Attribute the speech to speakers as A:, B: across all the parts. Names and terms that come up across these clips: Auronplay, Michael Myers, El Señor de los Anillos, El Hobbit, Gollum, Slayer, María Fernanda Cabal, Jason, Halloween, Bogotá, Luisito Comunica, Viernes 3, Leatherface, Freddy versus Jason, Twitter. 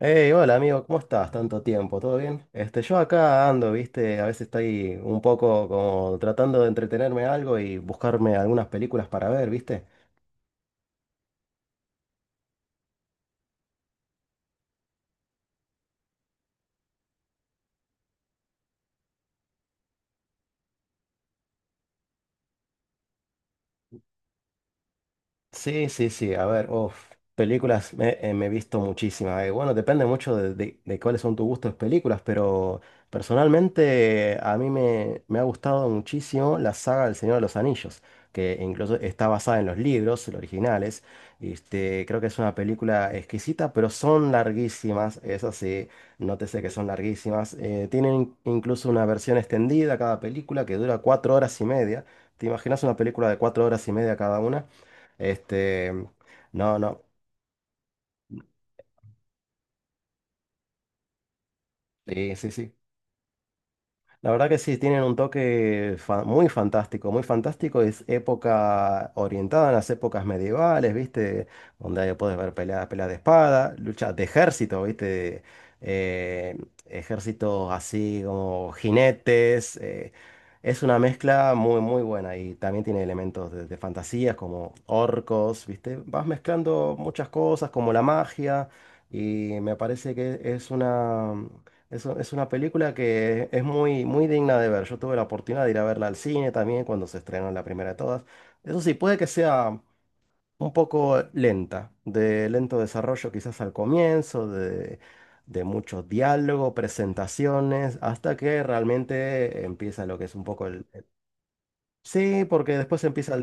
A: Hey, hola amigo, ¿cómo estás? Tanto tiempo, ¿todo bien? Yo acá ando, viste, a veces estoy un poco como tratando de entretenerme algo y buscarme algunas películas para ver, viste. Sí, sí, sí, a ver, uf, me he visto muchísimas. Bueno, depende mucho de, de cuáles son tus gustos de películas, pero personalmente me ha gustado muchísimo la saga del Señor de los Anillos, que incluso está basada en los libros, los originales. Creo que es una película exquisita, pero son larguísimas, eso sí, nótese que son larguísimas. Tienen incluso una versión extendida cada película que dura cuatro horas y media. ¿Te imaginas una película de cuatro horas y media cada una? Este, no, no, sí, sí, sí. La verdad que sí, tienen un toque muy fantástico, muy fantástico. Es época orientada en las épocas medievales, ¿viste? Donde ahí puedes ver peleas, peleas de espada, luchas de ejército, ¿viste? Eh, Ejércitos así como jinetes. Es una mezcla muy, muy buena y también tiene elementos de fantasías como orcos, ¿viste? Vas mezclando muchas cosas como la magia y me parece que es una... Es, es una película que es muy, muy digna de ver. Yo tuve la oportunidad de ir a verla al cine también cuando se estrenó la primera de todas. Eso sí, puede que sea un poco lenta, de lento desarrollo quizás al comienzo, de mucho diálogo, presentaciones, hasta que realmente empieza lo que es un poco el... Sí, porque después empieza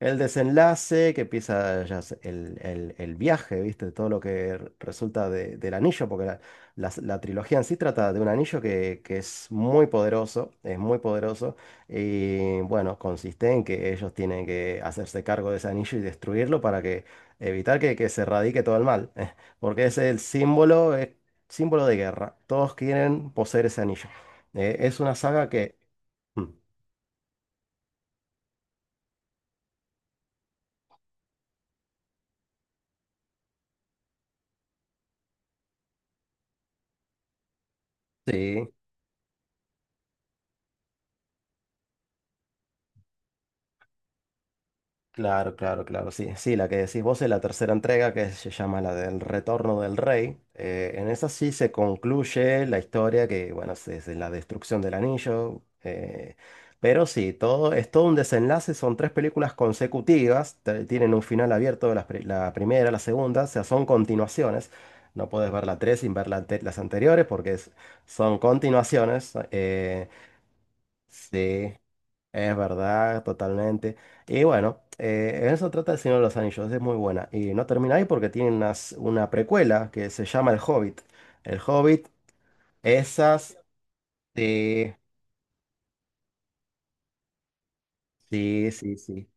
A: el desenlace, que empieza ya el, el viaje, ¿viste? Todo lo que resulta del anillo, porque la trilogía en sí trata de un anillo que es muy poderoso, y bueno, consiste en que ellos tienen que hacerse cargo de ese anillo y destruirlo para que evitar que se radique todo el mal, porque es el símbolo, es símbolo de guerra, todos quieren poseer ese anillo. Es una saga que... Mm. Sí. Claro, claro, claro, sí, sí, la que decís vos es la tercera entrega que se llama la del Retorno del Rey. En esa sí se concluye la historia que, bueno, es la destrucción del anillo. Pero sí, todo, es todo un desenlace, son tres películas consecutivas, tienen un final abierto, primera, la segunda, o sea, son continuaciones. No puedes ver la tres sin ver las anteriores porque son continuaciones. Sí, es verdad, totalmente. Y bueno, eso trata El Señor de los Anillos, es muy buena. Y no termina ahí porque tiene una precuela que se llama El Hobbit. El Hobbit, esas, sí, sí, sí, sí.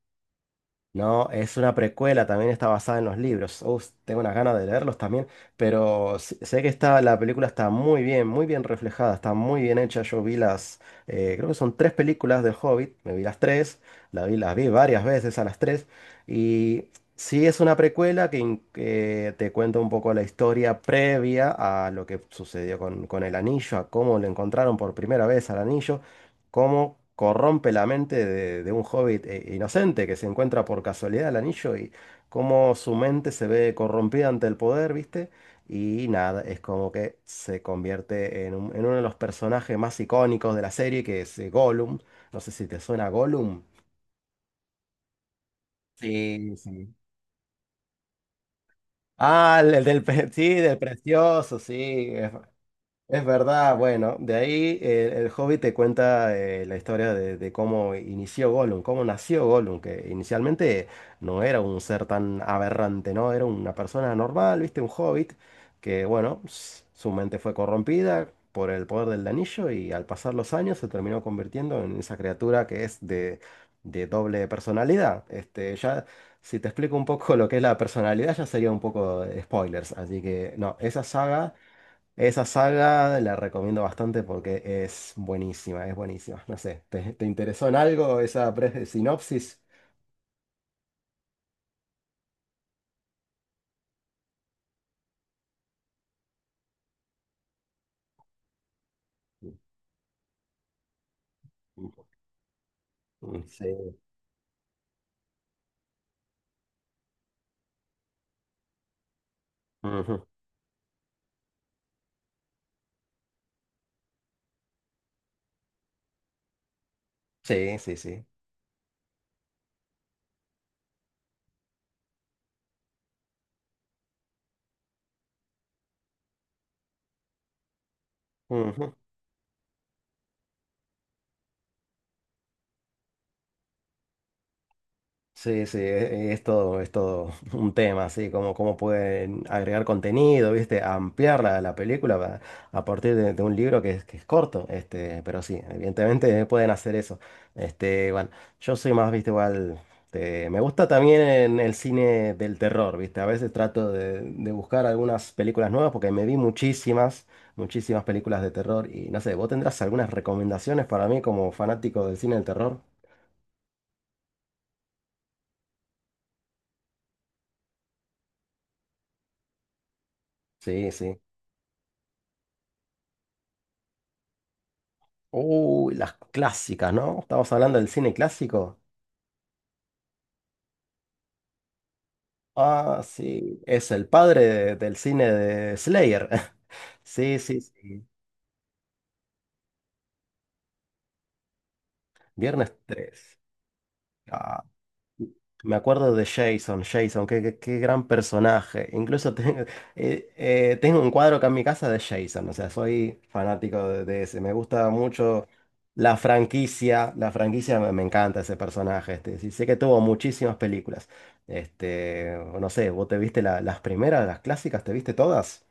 A: No, es una precuela, también está basada en los libros. Uf, tengo unas ganas de leerlos también, pero sé que está, la película está muy bien reflejada, está muy bien hecha. Yo vi las, creo que son tres películas del Hobbit, me vi las tres, las vi varias veces a las tres, y sí es una precuela que, que te cuenta un poco la historia previa a lo que sucedió con el anillo, a cómo le encontraron por primera vez al anillo, cómo corrompe la mente de un hobbit inocente que se encuentra por casualidad el anillo y cómo su mente se ve corrompida ante el poder, ¿viste? Y nada, es como que se convierte en, en uno de los personajes más icónicos de la serie, que es Gollum. No sé si te suena Gollum. Sí, sí. Ah, el del, sí, del precioso, sí. Es verdad, bueno, de ahí el Hobbit te cuenta la historia de cómo inició Gollum, cómo nació Gollum, que inicialmente no era un ser tan aberrante, ¿no? Era una persona normal, ¿viste? Un Hobbit, que bueno, su mente fue corrompida por el poder del anillo y al pasar los años se terminó convirtiendo en esa criatura que es de doble personalidad. Ya, si te explico un poco lo que es la personalidad, ya sería un poco de spoilers, así que no, esa saga... Esa saga la recomiendo bastante porque es buenísima, es buenísima. No sé, ¿te interesó en algo esa sinopsis? Mm. Sí. Ujú. Sí, sí, sí. Ujú. Sí, sí, es todo un tema, así como cómo pueden agregar contenido, ¿viste? Ampliar la película a partir de un libro que es corto, este, pero sí, evidentemente pueden hacer eso. Bueno, yo soy más, ¿viste? Igual, me gusta también en el cine del terror, ¿viste? A veces trato de buscar algunas películas nuevas porque me vi muchísimas, muchísimas películas de terror y no sé, ¿vos tendrás algunas recomendaciones para mí como fanático del cine del terror? Sí, sí. Uy, las clásicas, ¿no? Estamos hablando del cine clásico. Ah, sí, es el padre del cine de Slayer. Sí, sí, sí. Viernes 3. Me acuerdo de Jason, Jason, qué, qué gran personaje. Incluso tengo, tengo un cuadro acá en mi casa de Jason, o sea, soy fanático de ese. Me gusta mucho la franquicia, me encanta ese personaje. Sí, sé que tuvo muchísimas películas. No sé, ¿vos te viste las primeras, las clásicas? ¿Te viste todas?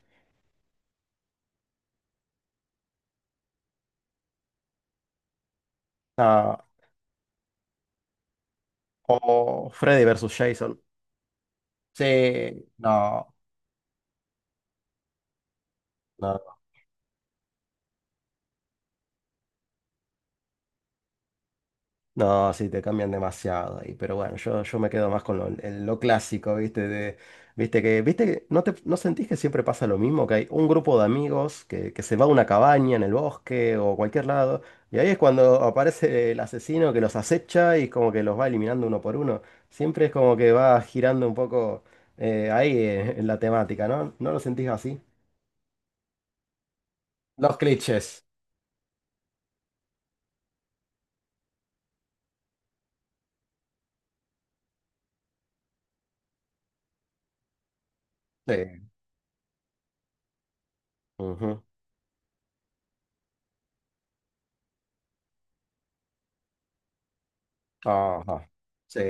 A: No, o Freddy versus Jason. Sí, no, no. No, sí, te cambian demasiado ahí, pero bueno, yo me quedo más con lo, lo clásico, ¿viste? De, viste que no te, no sentís que siempre pasa lo mismo? Que hay un grupo de amigos que se va a una cabaña en el bosque o cualquier lado, y ahí es cuando aparece el asesino que los acecha y como que los va eliminando uno por uno. Siempre es como que va girando un poco ahí en la temática, ¿no? ¿No lo sentís así? Los clichés. Sí. Ujú. Ajá. Sí,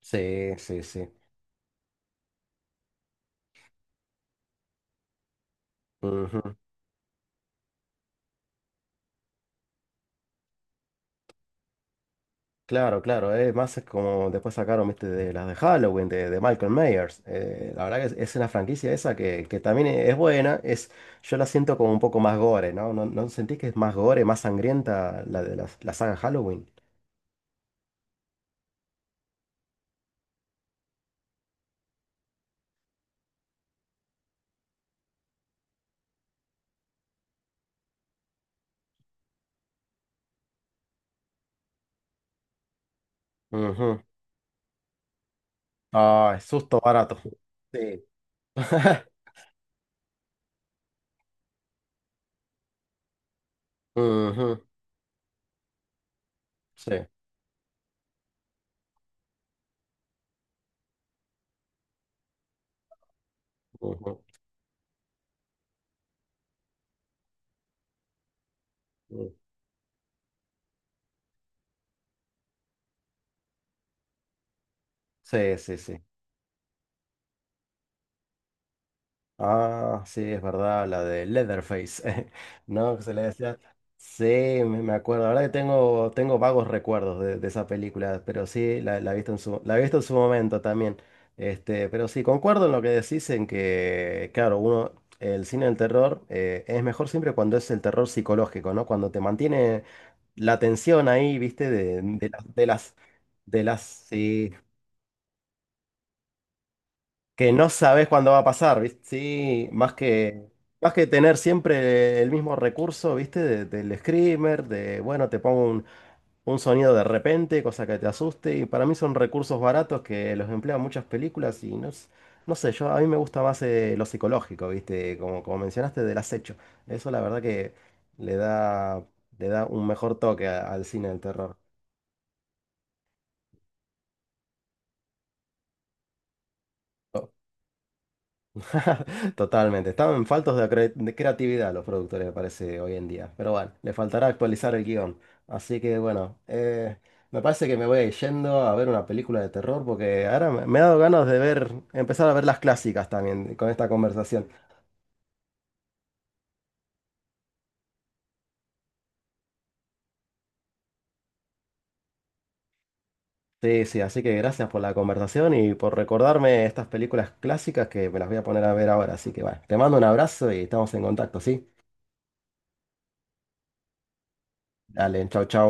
A: sí, sí, sí. Ujú. Claro, claro, más es como después sacaron, viste, de las de Halloween, de Michael Myers. La verdad que es una franquicia esa que también es buena, es, yo la siento como un poco más gore, ¿no? ¿No, no sentís que es más gore, más sangrienta la de la saga Halloween? Ujú. Ah, es susto barato. Sí. Ujú. Sí. Ujú. Ujú. Sí, sí, sí. Ah, sí, es verdad, la de Leatherface, ¿no? Que se le decía. Sí, me acuerdo. La verdad que tengo, tengo vagos recuerdos de esa película, pero sí, la he visto en su, la he visto en su momento también. Pero sí, concuerdo en lo que decís en que, claro, uno, el cine del terror es mejor siempre cuando es el terror psicológico, ¿no? Cuando te mantiene la tensión ahí, ¿viste? De las, de las, de las, sí, que no sabes cuándo va a pasar, ¿viste? Sí, más que tener siempre el mismo recurso, ¿viste? Del screamer, de, bueno, te pongo un sonido de repente, cosa que te asuste, y para mí son recursos baratos que los emplean muchas películas y no, no sé, yo a mí me gusta más lo psicológico, ¿viste? Como, como mencionaste, del acecho. Eso la verdad que le da, le da un mejor toque al cine del terror. Totalmente. Estaban faltos de, de creatividad los productores, me parece, hoy en día. Pero bueno, le faltará actualizar el guión. Así que bueno, me parece que me voy a ir yendo a ver una película de terror porque ahora me, me ha dado ganas de ver, empezar a ver las clásicas también con esta conversación. Sí, sí, así que gracias por la conversación y por recordarme estas películas clásicas que me las voy a poner a ver ahora. Así que bueno, te mando un abrazo y estamos en contacto, ¿sí? Dale, chau, chau.